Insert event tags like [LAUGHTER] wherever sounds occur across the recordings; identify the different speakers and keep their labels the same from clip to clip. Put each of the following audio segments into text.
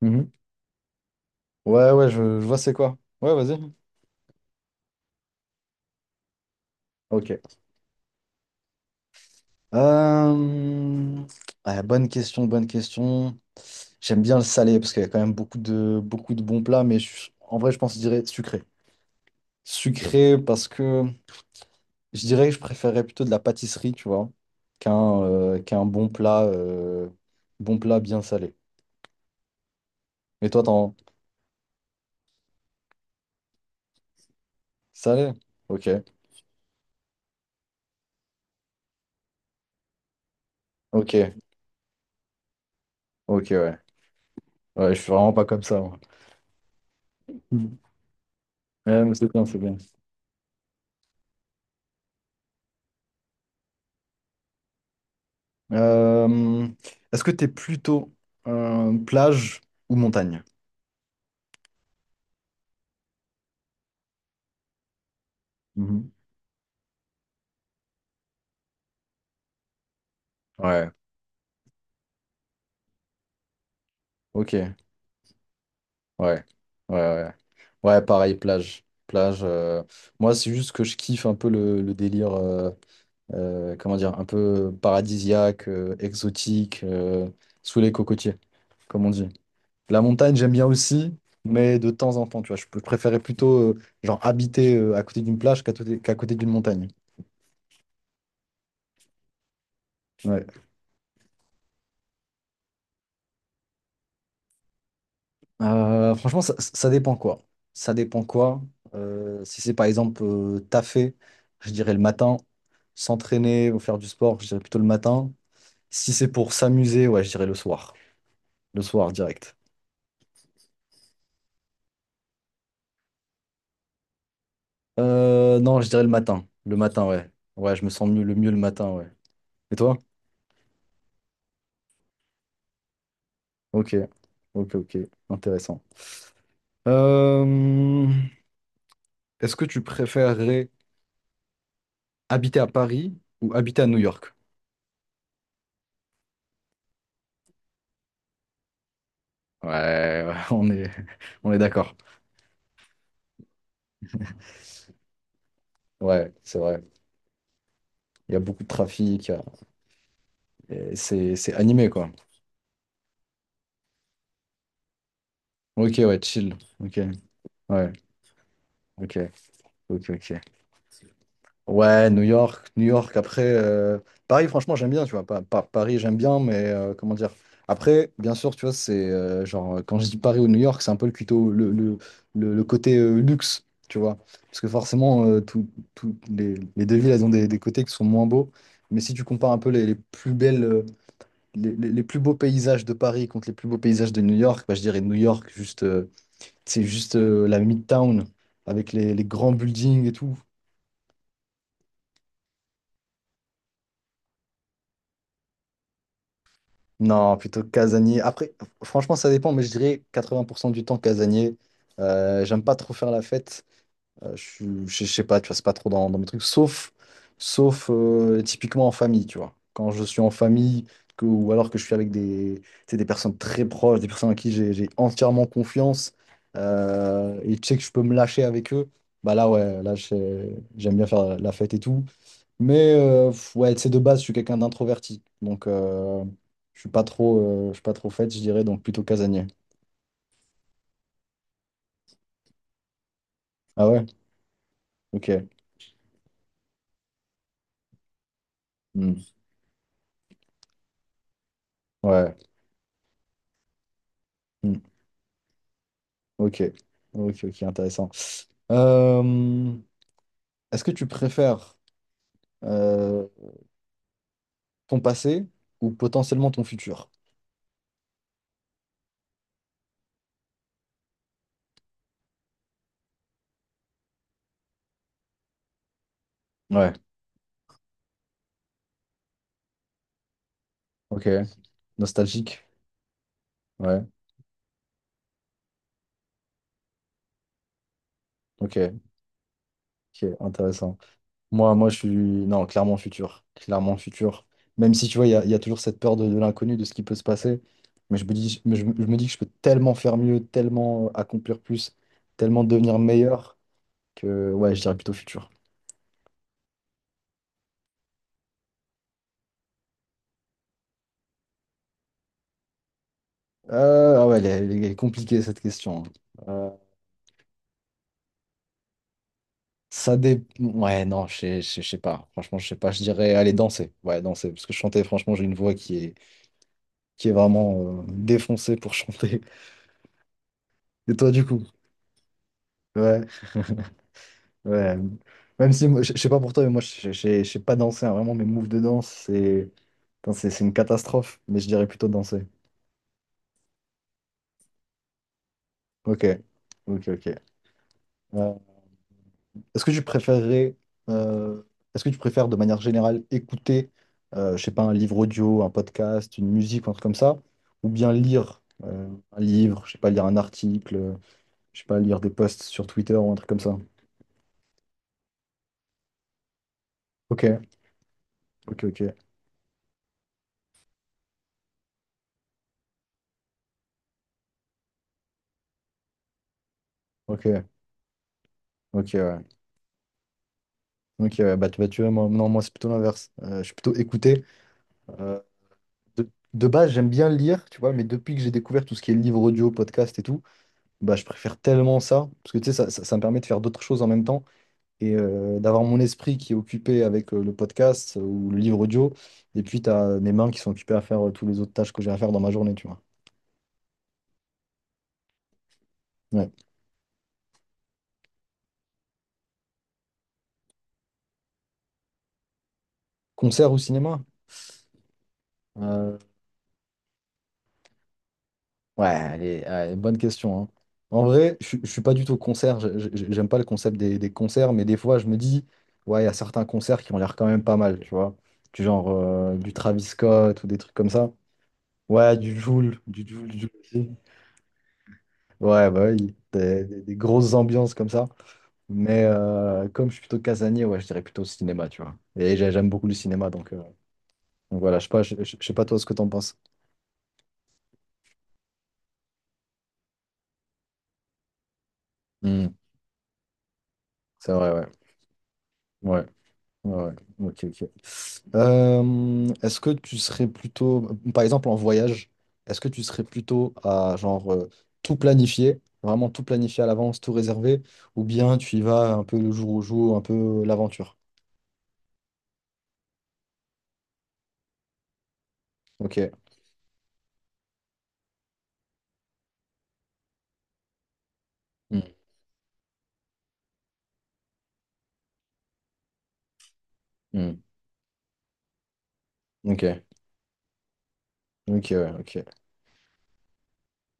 Speaker 1: Mhm. Ouais, ouais, je vois c'est quoi. Ouais, vas-y. Ok. Euh, ouais, bonne question, bonne question. J'aime bien le salé parce qu'il y a quand même beaucoup de bons plats, mais en vrai, je pense que je dirais sucré. Sucré parce que je dirais que je préférerais plutôt de la pâtisserie, tu vois, qu'un bon plat bien salé. Et toi, t'en salé? Ok, ok, ok, ouais. Ouais, je suis vraiment pas comme ça, moi. Mhm. Ouais, mais c'est bien, c'est bien. Euh, Est-ce que t'es plutôt plage ou montagne? Mhm. Ouais, ok, ouais, ouais, ouais. Ouais, pareil, plage. Plage. Moi, c'est juste que je kiffe un peu le délire, comment dire, un peu paradisiaque, exotique, sous les cocotiers, comme on dit. La montagne, j'aime bien aussi, mais de temps en temps, tu vois. Je préférais plutôt, genre, habiter à côté d'une plage qu'à côté d'une montagne. Ouais. Franchement, ça dépend quoi. Ça dépend quoi. Si c'est par exemple taffer, je dirais le matin. S'entraîner ou faire du sport, je dirais plutôt le matin. Si c'est pour s'amuser, ouais, je dirais le soir. Le soir, direct. Non, je dirais le matin. Le matin, ouais. Ouais, je me sens mieux le matin, ouais. Et toi? Ok. Ok, ok. Intéressant. Euh, Est-ce que tu préférerais habiter à Paris ou habiter à New York? Ouais, [LAUGHS] on est, on est d'accord. Ouais, c'est vrai. Il y a beaucoup de trafic. Et c'est animé, quoi. Ok, ouais, chill. Ok, ouais, ok, ok, ok. Ouais, New York, New York. Après, Paris, franchement, j'aime bien, tu vois. Paris, j'aime bien, mais comment dire? Après, bien sûr, tu vois, c'est genre, quand je dis Paris ou New York, c'est un peu le, cuto- le côté luxe, tu vois. Parce que forcément, toutes les deux villes, elles ont des côtés qui sont moins beaux. Mais si tu compares un peu les plus belles. Les plus beaux paysages de Paris contre les plus beaux paysages de New York, bah, je dirais New York, juste, c'est juste la Midtown avec les grands buildings et tout. Non, plutôt casanier. Après, franchement, ça dépend, mais je dirais 80% du temps casanier. J'aime pas trop faire la fête. Je sais pas, tu vois, c'est pas trop dans mes trucs, sauf typiquement en famille, tu vois. Quand je suis en famille, ou alors que je suis avec des, tu sais, des personnes très proches, des personnes à qui j'ai entièrement confiance, et tu sais que je peux me lâcher avec eux, bah là, ouais, là, j'aime bien faire la fête et tout. Mais ouais, tu sais, de base, je suis quelqu'un d'introverti, donc je suis pas trop fête, je dirais, donc plutôt casanier. Ah ouais? Ok. Hmm. Ouais. Hmm. Ok. Ok, ok, intéressant. Euh, Est-ce que tu préfères euh, ton passé ou potentiellement ton futur? Ouais, ok. Nostalgique? Ouais, ok, ok, intéressant. Moi, je suis... Non, clairement futur. Clairement futur. Même si, tu vois, il y a toujours cette peur de l'inconnu, de ce qui peut se passer. Mais je me dis, mais je me dis que je peux tellement faire mieux, tellement accomplir plus, tellement devenir meilleur que, ouais, je dirais plutôt futur. Ah ouais, elle est compliquée, cette question. Hein. Ouais, non, je sais pas. Franchement, je sais pas. Je dirais aller danser. Ouais, danser. Parce que chanter, franchement, j'ai une voix qui est vraiment défoncée pour [LAUGHS] chanter. Et toi, du coup? Ouais. [LAUGHS] Ouais. Même si, moi, je sais pas pour toi, mais moi, je sais pas danser. Hein. Vraiment, mes moves de danse, c'est c'est une catastrophe. Mais je dirais plutôt danser. Ok. Ok, ok. Ouais. Est-ce que tu préférerais, euh, Est-ce que tu préfères de manière générale écouter, je sais pas, un livre audio, un podcast, une musique, un truc comme ça, ou bien lire un livre, je sais pas, lire un article, je sais pas, lire des posts sur Twitter ou un truc comme ça. Ok, ok, ok, ok, ok, ouais. Ok, ouais, bah, tu vois, moi, non, moi c'est plutôt l'inverse. Je suis plutôt écouter. Euh, de, de base, j'aime bien lire, tu vois, mais depuis que j'ai découvert tout ce qui est livre audio, podcast et tout, bah, je préfère tellement ça, parce que tu sais, ça me permet de faire d'autres choses en même temps. Et d'avoir mon esprit qui est occupé avec le podcast ou le livre audio, et puis tu as mes mains qui sont occupées à faire tous les autres tâches que j'ai à faire dans ma journée, tu vois. Ouais. Concert ou cinéma? Euh, ouais, allez, allez, bonne question, hein. En vrai, je ne suis pas du tout concert, j'aime pas le concept des concerts, mais des fois je me dis, ouais, il y a certains concerts qui ont l'air quand même pas mal, tu vois. Du genre du Travis Scott ou des trucs comme ça. Ouais, du Jul, du Jul, du Jul aussi. Ouais, bah oui, des grosses ambiances comme ça. Mais comme je suis plutôt casanier, ouais, je dirais plutôt cinéma, tu vois. Et j'aime beaucoup le cinéma, donc voilà, je sais pas, je sais pas toi ce que t'en penses. Hmm, c'est vrai, ouais. Ouais, ouais, ouais. Ok, ok. Est-ce que tu serais plutôt, par exemple en voyage, est-ce que tu serais plutôt à genre tout planifier, vraiment tout planifier à l'avance, tout réserver, ou bien tu y vas un peu le jour au jour, un peu l'aventure? Ok. Hmm, hmm. Ok, ok, ouais, ok.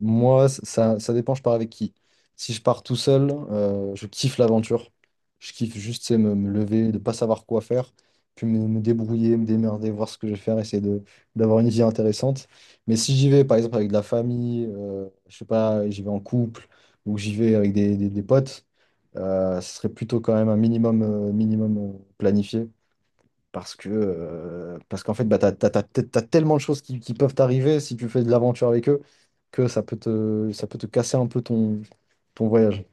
Speaker 1: Moi, ça dépend, je pars avec qui. Si je pars tout seul, je kiffe l'aventure. Je kiffe juste, c'est me lever, de pas savoir quoi faire, puis me débrouiller, me démerder, voir ce que je vais faire, essayer d'avoir une vie intéressante. Mais si j'y vais, par exemple, avec de la famille, je sais pas, j'y vais en couple, ou j'y vais avec des potes, ce serait plutôt quand même un minimum planifié. Parce qu'en fait, bah, t'as tellement de choses qui peuvent t'arriver si tu fais de l'aventure avec eux que ça peut te casser un peu ton voyage.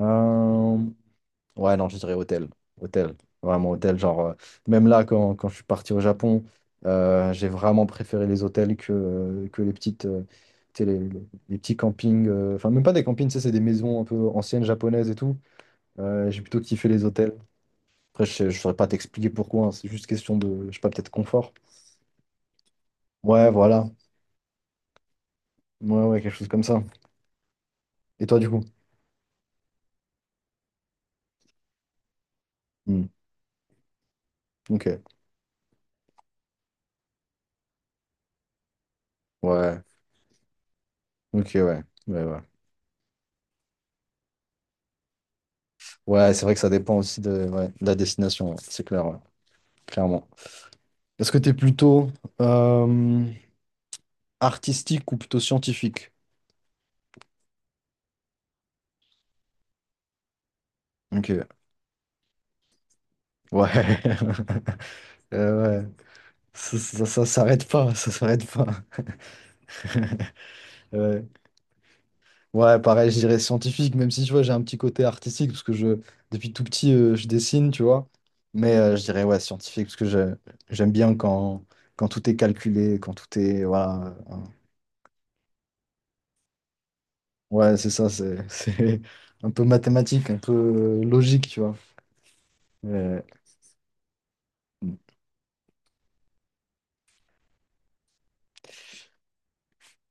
Speaker 1: Euh, ouais, non, je dirais hôtel. Hôtel. Vraiment hôtel. Genre, même là, quand je suis parti au Japon, j'ai vraiment préféré les hôtels que les petites, tu sais, les petits campings. Enfin, même pas des campings, tu sais, c'est des maisons un peu anciennes japonaises et tout. J'ai plutôt kiffé les hôtels. Après, je ne saurais pas t'expliquer pourquoi, hein, c'est juste question de, je sais pas, peut-être confort. Ouais, voilà. Ouais, ouais, quelque chose comme ça. Et toi, du coup? Hmm. Ok. Ouais. Ok, ouais. Ouais, ouais. Ouais, c'est vrai que ça dépend aussi de, ouais, de la destination, ouais. C'est clair, ouais. Clairement. Est-ce que t'es plutôt euh, artistique ou plutôt scientifique? Ok. Ouais. [LAUGHS] Ouais. Ça s'arrête pas, ça s'arrête pas. [LAUGHS] Ouais. Ouais, pareil, je dirais scientifique, même si tu vois, j'ai un petit côté artistique, parce que depuis tout petit, je dessine, tu vois. Mais je dirais, ouais, scientifique, parce que j'aime bien quand, tout est calculé, quand tout est. Voilà. Ouais, c'est ça, c'est [LAUGHS] c'est un peu mathématique, un peu logique, tu vois. Mais,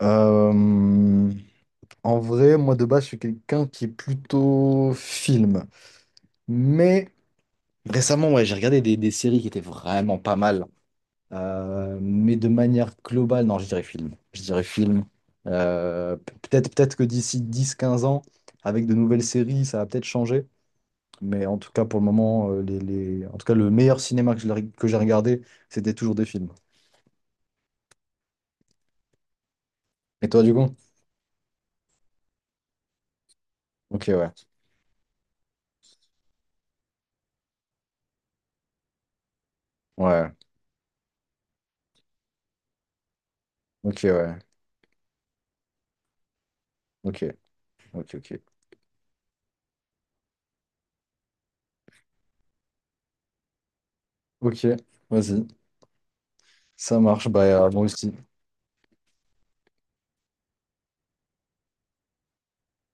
Speaker 1: euh, en vrai, moi, de base, je suis quelqu'un qui est plutôt film. Mais récemment, ouais, j'ai regardé des séries qui étaient vraiment pas mal. Mais de manière globale, non, je dirais film. Je dirais film. Peut-être que d'ici 10 15 ans, avec de nouvelles séries, ça va peut-être changer. Mais en tout cas, pour le moment, le meilleur cinéma que j'ai regardé, c'était toujours des films. Et toi, du coup? Ok, ouais. Ouais. Ok, ouais. Ok. Ok, ok. Ok, vas-y. Ça marche. Bah, moi aussi.